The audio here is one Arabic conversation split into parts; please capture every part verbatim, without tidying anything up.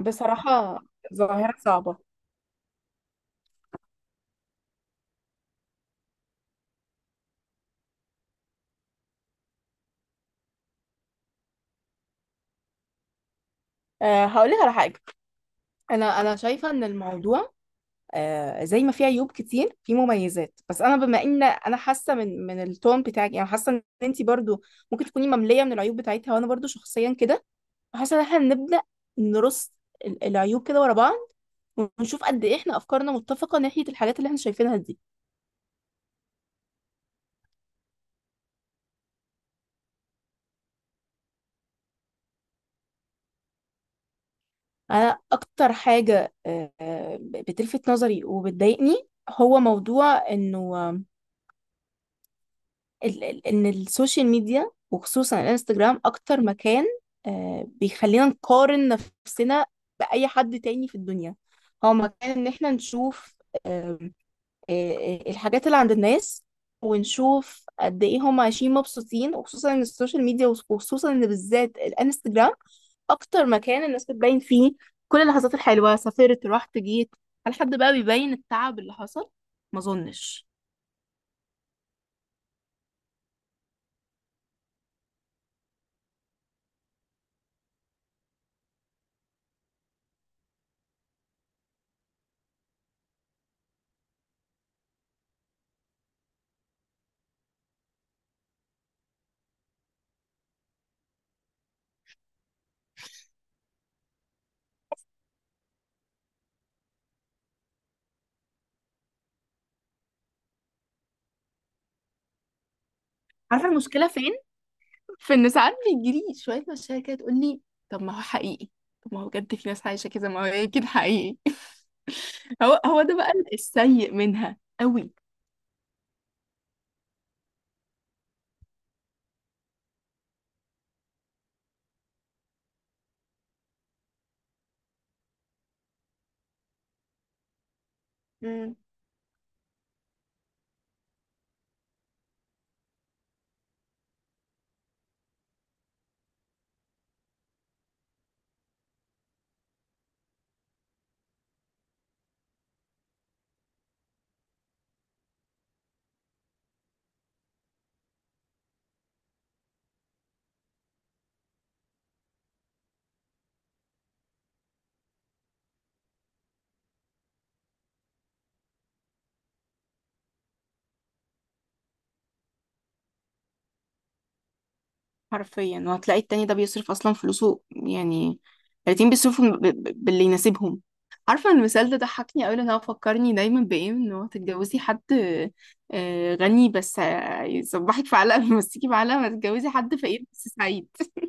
بصراحة، ظاهرة صعبة. أه، هقول لك على حاجة. أنا أنا شايفة إن الموضوع أه زي ما فيه عيوب كتير فيه مميزات، بس أنا بما إن أنا حاسة من من التون بتاعك، يعني حاسة إن أنت برضو ممكن تكوني مملية من العيوب بتاعتها، وأنا برضو شخصيا كده حاسة إن إحنا نبدأ نرص ال- العيوب كده ورا بعض، ونشوف قد إيه إحنا أفكارنا متفقة ناحية الحاجات اللي إحنا شايفينها دي. أنا أكتر حاجة أه آه، بتلفت نظري وبتضايقني هو موضوع إنه ال- ال- ان السوشيال ميديا وخصوصا الانستجرام اكتر مكان، آه، بيخلينا نقارن نفسنا باي حد تاني في الدنيا. هو مكان ان احنا نشوف، آم، آه، آه، الحاجات اللي عند الناس، ونشوف قد ايه هم عايشين مبسوطين. وخصوصا ان السوشيال ميديا وخصوصا ان بالذات الانستجرام اكتر مكان الناس بتبين فيه كل اللحظات الحلوة: سافرت، رحت، جيت. هل حد بقى بيبين التعب اللي حصل؟ ما اظنش. عارفة المشكلة فين؟ فان ساعات بيجيلي شويه مشاكل كده تقول لي، طب ما هو حقيقي، طب ما هو بجد في ناس عايشه كده، ما هو اكيد حقيقي. هو هو ده بقى السيء منها قوي. مم. حرفيا، وهتلاقي التاني ده بيصرف اصلا فلوسه يعني. الاتنين بيصرفوا ب- ب- باللي يناسبهم. عارفه المثال ده ضحكني قوي، لان هو فكرني دايما بايه؟ ان هو تتجوزي حد آه، غني بس آه، يصبحك في علقه ويمسكي في علقه، ما تتجوزي حد فقير بس سعيد.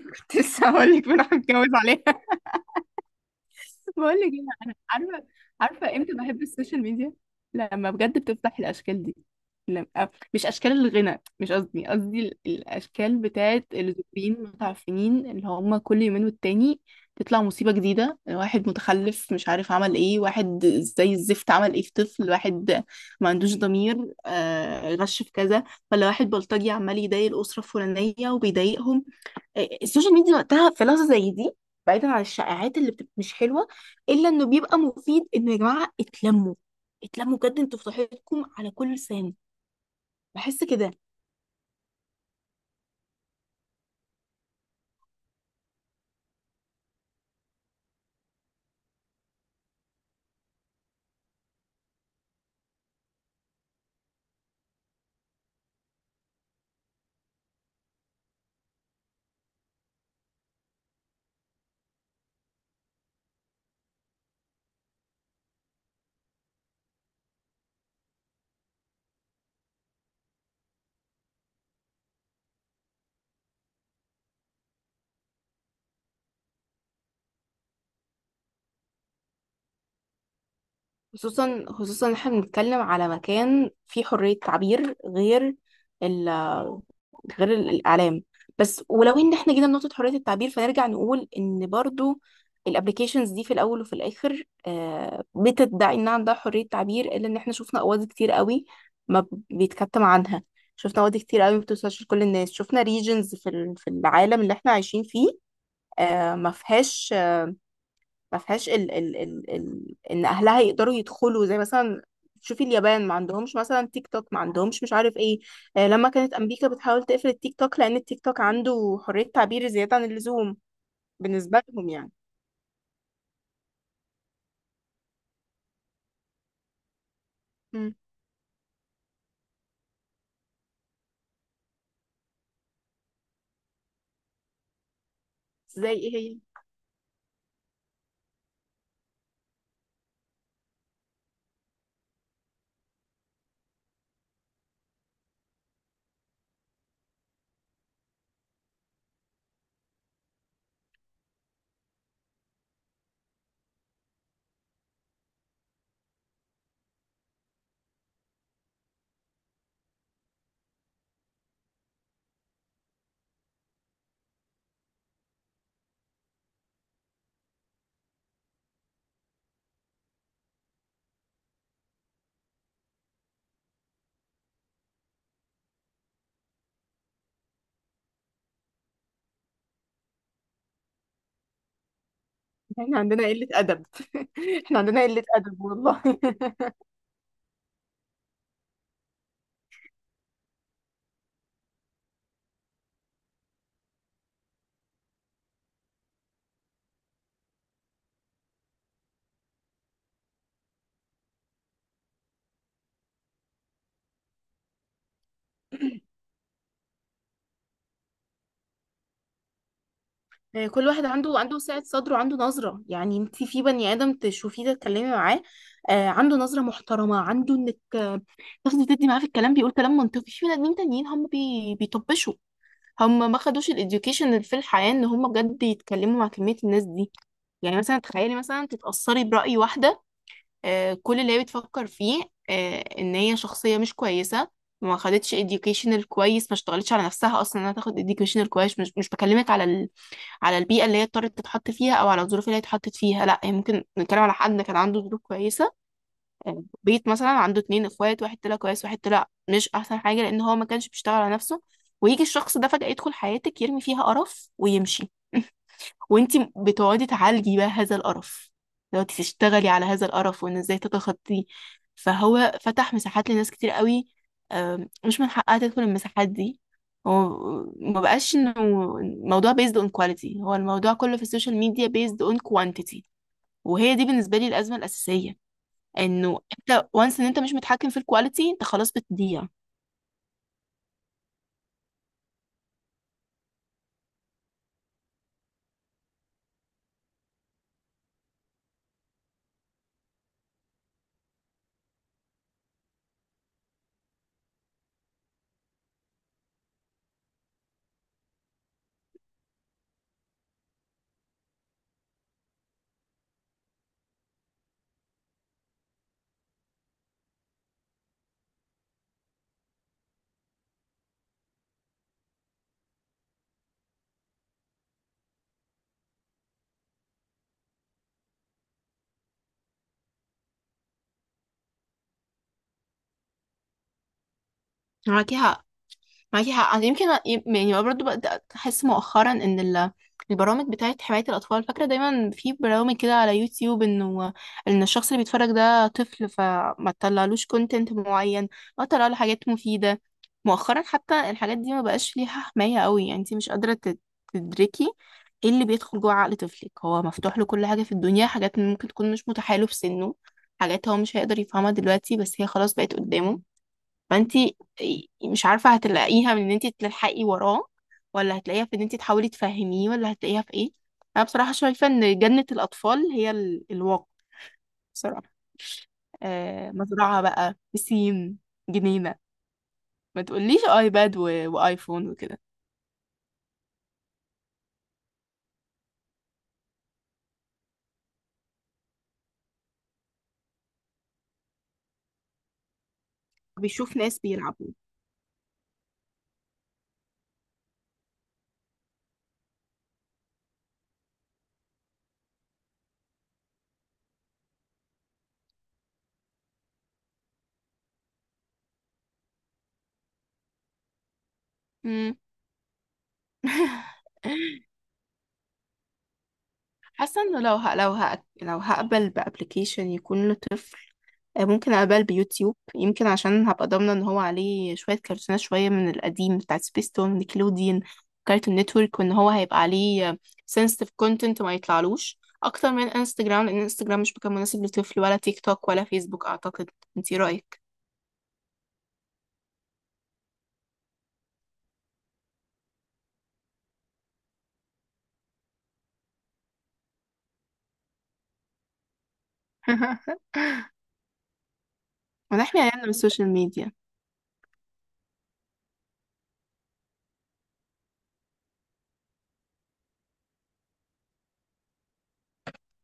كنت لسه هقولك بنروح نتجوز. بقول لك ايه، انا عارفه. عارفه امتى بحب السوشيال ميديا؟ لما بجد بتفتح الاشكال دي. لما آه، مش اشكال الغنى، مش قصدي، قصدي ال- الاشكال بتاعت الزوجين متعفنين اللي هم كل يومين والتاني تطلع مصيبه جديده. واحد متخلف مش عارف عمل ايه، واحد زي الزفت عمل ايه في طفل، واحد ما عندوش ضمير، آه غش في كذا، ولا واحد بلطجي عمال يضايق الاسره الفلانيه وبيضايقهم. السوشيال ميديا وقتها في لحظه زي دي، بعيدا عن الشائعات اللي بتبقى مش حلوه، الا انه بيبقى مفيد انه يا جماعه اتلموا، اتلموا بجد، انتوا في صحتكم على كل لسان. بحس كده. خصوصا خصوصا احنا بنتكلم على مكان فيه حرية تعبير غير ال، غير ال- الإعلام بس. ولو ان احنا جينا لنقطة حرية التعبير، فنرجع نقول ان برضو الابليكيشنز دي في الاول وفي الاخر آه، بتدعي ان عندها حرية تعبير، الا ان احنا شفنا قواضي كتير قوي ما ب- بيتكتم عنها، شفنا قواضي كتير قوي ما بتوصلش لكل الناس، شفنا ريجنز في ال- في العالم اللي احنا عايشين فيه آه، ما فيهاش، ما فيهاش ال ال ال ال ان اهلها يقدروا يدخلوا. زي مثلا شوفي اليابان ما عندهمش مثلا تيك توك، ما عندهمش مش عارف ايه. آه، لما كانت امريكا بتحاول تقفل التيك توك لان التيك توك عنده حرية تعبير زيادة عن اللزوم بالنسبة لهم يعني. مم. زي ايه هي؟ احنا عندنا قلة ادب، احنا عندنا قلة ادب والله. آه، كل واحد عنده عنده سعة صدر وعنده نظرة. يعني انت في بني آدم تشوفيه تتكلمي معاه آه، عنده نظرة محترمة، عنده انك تاخدي تدي معاه في الكلام، بيقول كلام منطقي. في بني ادمين تانيين هم بي... بيطبشوا، هم ما خدوش الاديوكيشن اللي في الحياه ان هم بجد يتكلموا مع كميه الناس دي. يعني مثلا تخيلي مثلا تتاثري براي واحده، آه كل اللي هي بتفكر فيه، آه ان هي شخصيه مش كويسه، ما خدتش educational كويس، ما اشتغلتش على نفسها اصلا انها تاخد educational كويس. مش مش بكلمك على ال... على البيئه اللي هي اضطرت تتحط فيها او على الظروف اللي هي اتحطت فيها. لا، هي ممكن نتكلم على حد كان عنده ظروف كويسه، بيت مثلا عنده اتنين اخوات، واحد طلع كويس واحد طلع مش احسن حاجة لان هو ما كانش بيشتغل على نفسه. ويجي الشخص ده فجأة يدخل حياتك يرمي فيها قرف ويمشي، وانتي بتقعدي تعالجي بقى هذا القرف، لو انتي تشتغلي على هذا القرف وان ازاي تتخطيه. فهو فتح مساحات لناس كتير قوي آم، مش من حقها تدخل المساحات دي. هو ما بقاش انه الموضوع based on quality، هو الموضوع كله في السوشيال ميديا based on quantity، وهي دي بالنسبة لي الأزمة الأساسية. انه انت وانس ان انت مش متحكم في الكواليتي، انت خلاص بتضيع. هو كده، معاكي حق. أنا يمكن يم- يعني برضه بدأت أحس مؤخرا إن ال- البرامج بتاعة حماية الأطفال، فاكرة دايما في برامج كده على يوتيوب إنه إن الشخص اللي بيتفرج ده طفل، فما تطلعلوش كونتنت معين أو تطلعله حاجات مفيدة. مؤخرا حتى الحاجات دي ما بقاش ليها حماية قوي، يعني انتي مش قادرة تد- تدركي ايه اللي بيدخل جوه عقل طفلك. هو مفتوح له كل حاجة في الدنيا، حاجات ممكن تكون مش متاحة له في سنه، حاجات هو مش هيقدر يفهمها دلوقتي بس هي خلاص بقت قدامه. فانتي مش عارفة هتلاقيها من ان انتي تلحقي وراه، ولا هتلاقيها في ان انتي تحاولي تفهميه، ولا هتلاقيها في ايه. انا بصراحة شايفة ان جنة الاطفال هي ال- الواقع، بصراحة. آه، مزرعة بقى بسين، جنينة. ما تقوليش ايباد و... وايفون وكده. بيشوف ناس بيلعبوا. مم. حاسة انه لو ه... لو ه... لو هقبل بابلكيشن يكون له، آه، ممكن أقبل بيوتيوب، يمكن عشان هبقى ضامنة ان هو عليه شوية كرتونات شوية من القديم بتاعت سبيستون، نيكلوديان، كارتون نتورك، وان هو هيبقى عليه sensitive content ما يطلعلوش اكتر من انستجرام. لان انستجرام مش مكان مناسب لطفل، ولا تيك توك ولا فيسبوك اعتقد. انتي رأيك؟ ونحمي عيالنا من السوشيال ميديا.